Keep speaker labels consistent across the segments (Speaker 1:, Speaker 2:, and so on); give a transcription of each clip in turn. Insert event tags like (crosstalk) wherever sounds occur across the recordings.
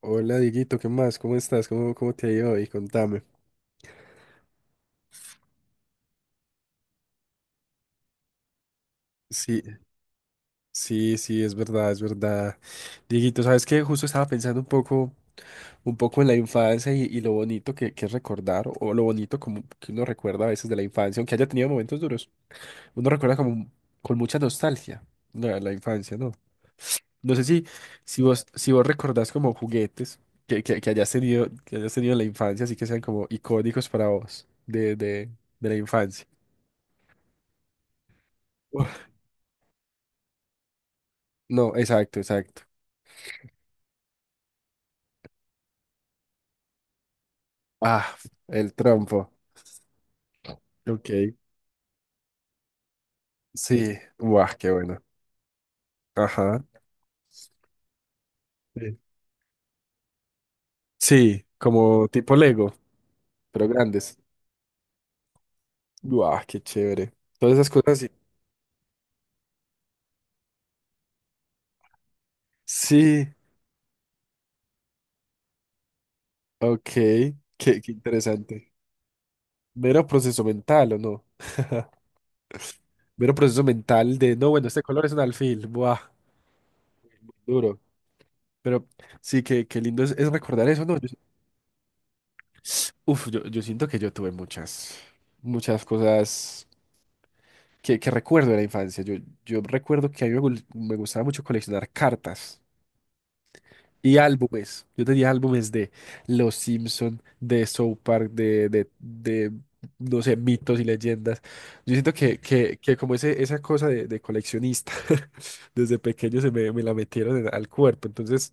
Speaker 1: Hola Dieguito, ¿qué más? ¿Cómo estás? ¿Cómo te ha ido hoy? Contame. Sí, sí, sí, es verdad, es verdad. Dieguito, ¿sabes qué? Justo estaba pensando un poco en la infancia y lo bonito que es recordar, o lo bonito como que uno recuerda a veces de la infancia, aunque haya tenido momentos duros. Uno recuerda como con mucha nostalgia la infancia, ¿no? No sé si vos recordás como juguetes que hayas tenido, que hayas tenido en la infancia, así que sean como icónicos para vos de la infancia. No, exacto, exacto. Ah, el trompo. Ok. Sí, guau, qué bueno. Ajá. Sí. Sí, como tipo Lego, pero grandes. Guau, qué chévere. Todas esas cosas sí. Sí, ok, qué interesante. Mero proceso mental, ¿o no? Mero proceso mental de, no, bueno, este color es un alfil, buah, duro. Pero sí, qué lindo es recordar eso, ¿no? Yo siento que yo tuve muchas, muchas cosas que recuerdo de la infancia. Yo recuerdo que a mí me gustaba mucho coleccionar cartas y álbumes. Yo tenía álbumes de Los Simpson, de South Park, de, no sé, mitos y leyendas. Yo siento que como esa cosa de coleccionista, (laughs) desde pequeño se me la metieron al cuerpo. Entonces,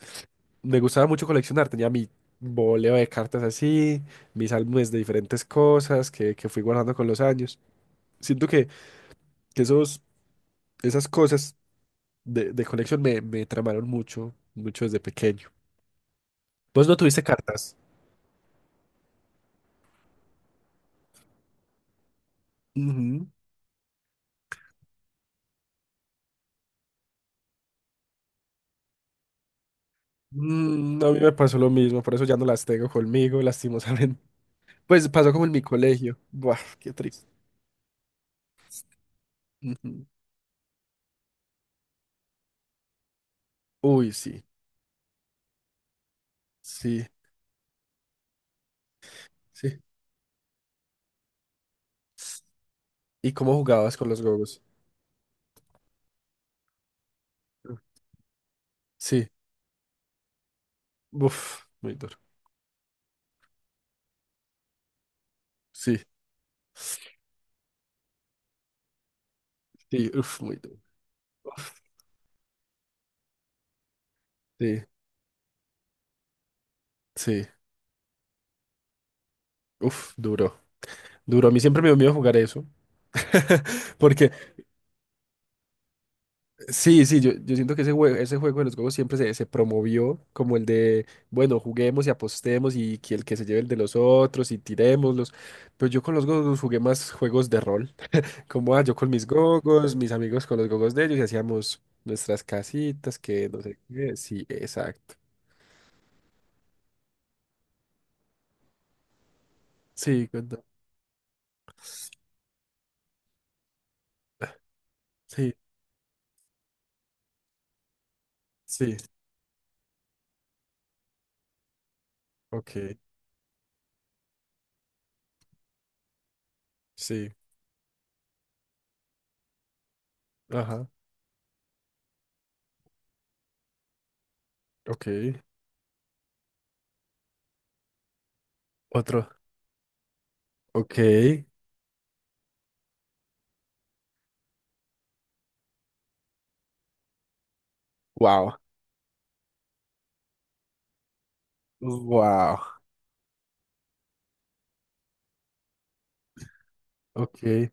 Speaker 1: me gustaba mucho coleccionar. Tenía mi boleo de cartas así, mis álbumes de diferentes cosas que fui guardando con los años. Siento que esas cosas de colección me tramaron mucho, mucho desde pequeño. ¿Vos no tuviste cartas? Ujú. A mí me pasó lo mismo, por eso ya no las tengo conmigo, (laughs) lastimosamente. Pues pasó como en mi colegio. Buah, qué triste. Ujú. Uy, sí, sí, sí. ¿Y cómo jugabas con los gogos? Sí, uf, muy duro. Sí, sí, uf, muy duro. Uf, sí, sí, uf, duro. Duro, a mí siempre me dio miedo jugar eso. (laughs) Porque Sí, sí, yo siento que ese juego, de los juegos siempre se promovió como el de, bueno, juguemos y apostemos y que el que se lleve el de los otros y tirémoslos. Pero yo con los gogos jugué más juegos de rol, (laughs) como ah, yo con mis gogos, mis amigos con los gogos de ellos y hacíamos nuestras casitas, que no sé qué. Sí, exacto. Sí, cuenta. Sí, sí. Ok, sí. Ajá. Ok. Otro. Ok. Wow. Wow. Ok.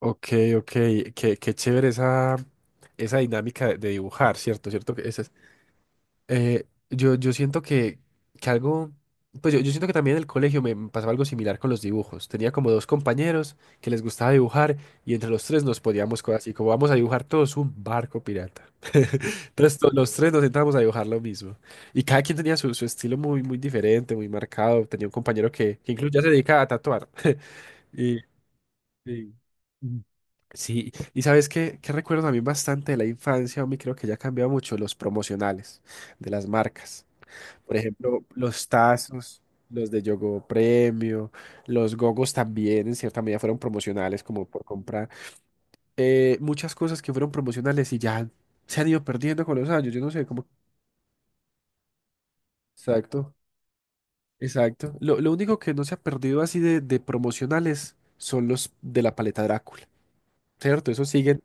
Speaker 1: Ok, ok, qué chévere esa dinámica de dibujar, ¿cierto? ¿Cierto? Yo siento que algo, pues yo siento que también en el colegio me pasaba algo similar con los dibujos. Tenía como dos compañeros que les gustaba dibujar y entre los tres nos poníamos cosas así, como vamos a dibujar todos un barco pirata. Entonces los tres nos sentábamos a dibujar lo mismo. Y cada quien tenía su estilo muy, muy diferente, muy marcado. Tenía un compañero que incluso ya se dedicaba a tatuar. Sí. Mm. Sí, y sabes qué recuerdo a mí bastante de la infancia, mí creo que ya ha cambiado mucho los promocionales de las marcas. Por ejemplo, los tazos, los de Yogo Premio, los gogos también en cierta medida fueron promocionales como por comprar. Muchas cosas que fueron promocionales y ya se han ido perdiendo con los años, yo no sé cómo. Exacto, exacto. Lo único que no se ha perdido así de promocionales son los de la paleta Drácula, ¿cierto? Eso sigue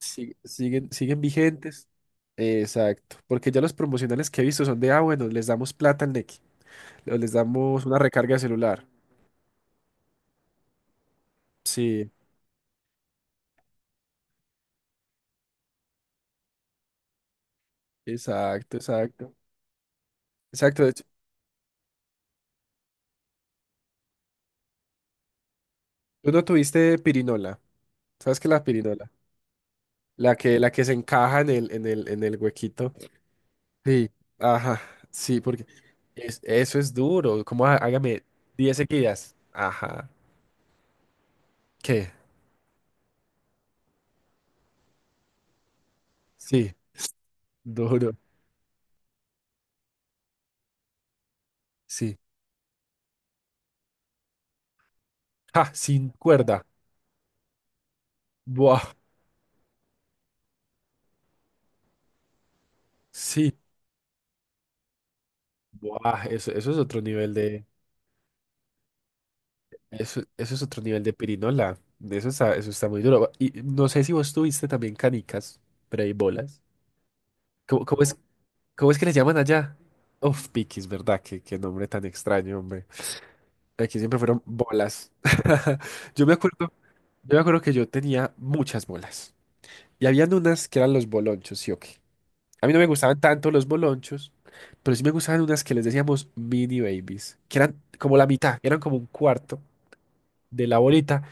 Speaker 1: Sí, siguen, siguen vigentes. Exacto, porque ya los promocionales que he visto son ah, bueno, les damos plata al Nequi, o les damos una recarga de celular. Sí, exacto, exacto. Exacto, de hecho, tú no tuviste pirinola. ¿Sabes qué es la pirinola? La que se encaja en el huequito. Sí, ajá, sí, porque eso es duro. Como "Ah, hágame 10 seguidas". Ajá. ¿Qué? Sí, duro. Sí. Ja, sin cuerda. Buah, sí. Buah, eso es otro nivel de, eso es otro nivel de pirinola. Eso está muy duro. Y no sé si vos tuviste también canicas, pero hay bolas. ¿Cómo, cómo es, cómo es que les llaman allá? Uf, piquis, ¿verdad? Qué nombre tan extraño, hombre. Aquí siempre fueron bolas. (laughs) Yo me acuerdo, yo me acuerdo que yo tenía muchas bolas. Y habían unas que eran los bolonchos, sí o qué. A mí no me gustaban tanto los bolonchos, pero sí me gustaban unas que les decíamos mini babies, que eran como la mitad, eran como un cuarto de la bolita.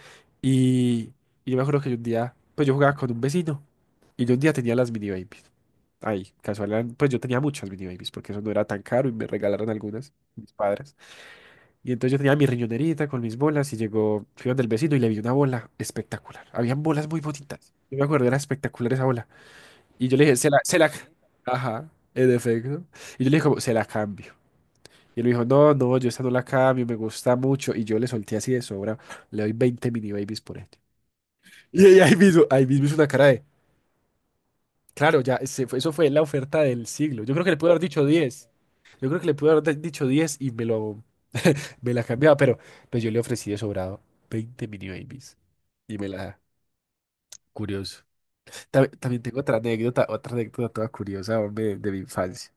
Speaker 1: Y, y yo me acuerdo que yo un día, pues yo jugaba con un vecino y yo un día tenía las mini babies. Ay, casual, pues yo tenía muchas mini babies porque eso no era tan caro y me regalaron algunas mis padres. Y entonces yo tenía mi riñonerita con mis bolas y llegó, fui donde el vecino y le vi una bola espectacular. Habían bolas muy bonitas. Yo me acuerdo, era espectacular esa bola. Y yo le dije, ajá, en efecto. Y yo le dije, como, se la cambio. Y él me dijo, no, no, yo esta no la cambio, me gusta mucho. Y yo le solté así de sobra, le doy 20 mini babies por este. Y ella ahí mismo hizo una cara de, claro, ya, eso fue la oferta del siglo. Yo creo que le pude haber dicho 10. Yo creo que le pude haber dicho 10 y me la cambiaba, pero pues yo le ofrecí de sobrado 20 mini babies. Y me la, Curioso. También tengo otra anécdota, toda curiosa, hombre, de mi infancia.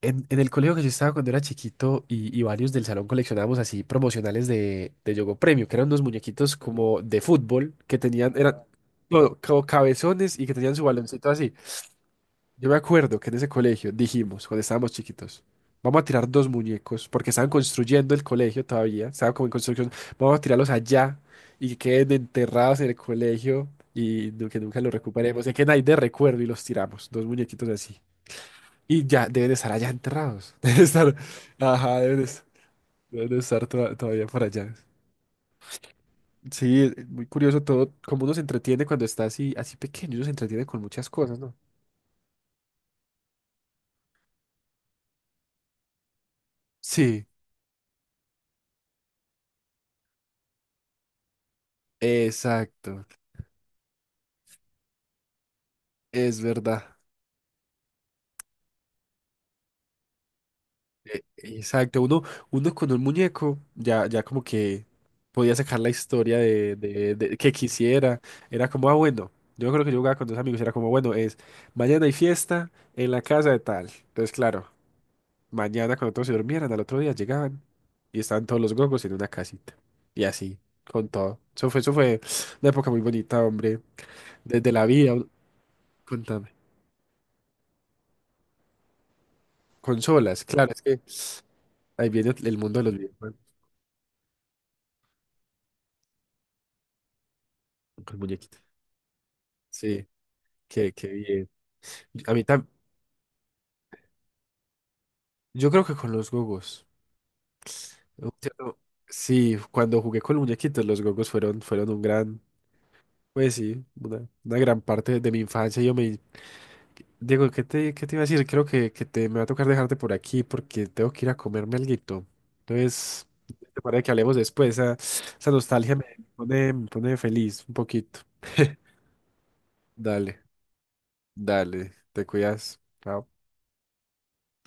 Speaker 1: En el colegio que yo estaba cuando era chiquito y varios del salón coleccionábamos así promocionales de Yogo Premio, que eran unos muñequitos como de fútbol que tenían, eran todo, como cabezones y que tenían su baloncito así. Yo me acuerdo que en ese colegio dijimos, cuando estábamos chiquitos, vamos a tirar dos muñecos porque estaban construyendo el colegio todavía, estaba como en construcción, vamos a tirarlos allá y que queden enterrados en el colegio y que nunca los recuperemos, que queden ahí de recuerdo y los tiramos, dos muñequitos así. Y ya deben estar allá enterrados. (laughs) Deben estar, ajá, deben estar todavía por allá. Sí, es muy curioso todo, cómo uno se entretiene cuando está así, así pequeño, uno se entretiene con muchas cosas, ¿no? Sí, exacto, es verdad. Exacto, uno con un muñeco ya, como que podía sacar la historia de que quisiera. Era como, ah, bueno, yo creo que yo jugaba con dos amigos, era como, bueno, es mañana hay fiesta en la casa de tal. Entonces, claro. Mañana cuando todos se durmieran, al otro día llegaban y estaban todos los gongos en una casita. Y así, con todo. Eso fue una época muy bonita, hombre. Desde la vida, contame. Consolas, claro, es que ahí viene el mundo de los videojuegos. Con muñequitos. Sí, qué bien. A mí tam- yo creo que con los gogos. un cierto- Sí, cuando jugué con muñequitos, los gogos fueron, fueron un pues sí, una gran parte de mi infancia. Diego, ¿qué te iba a decir? Creo que me va a tocar dejarte por aquí porque tengo que ir a comerme alguito. Entonces, te parece que hablemos después. Esa nostalgia me pone feliz un poquito. Dale, dale, te cuidas. Chao.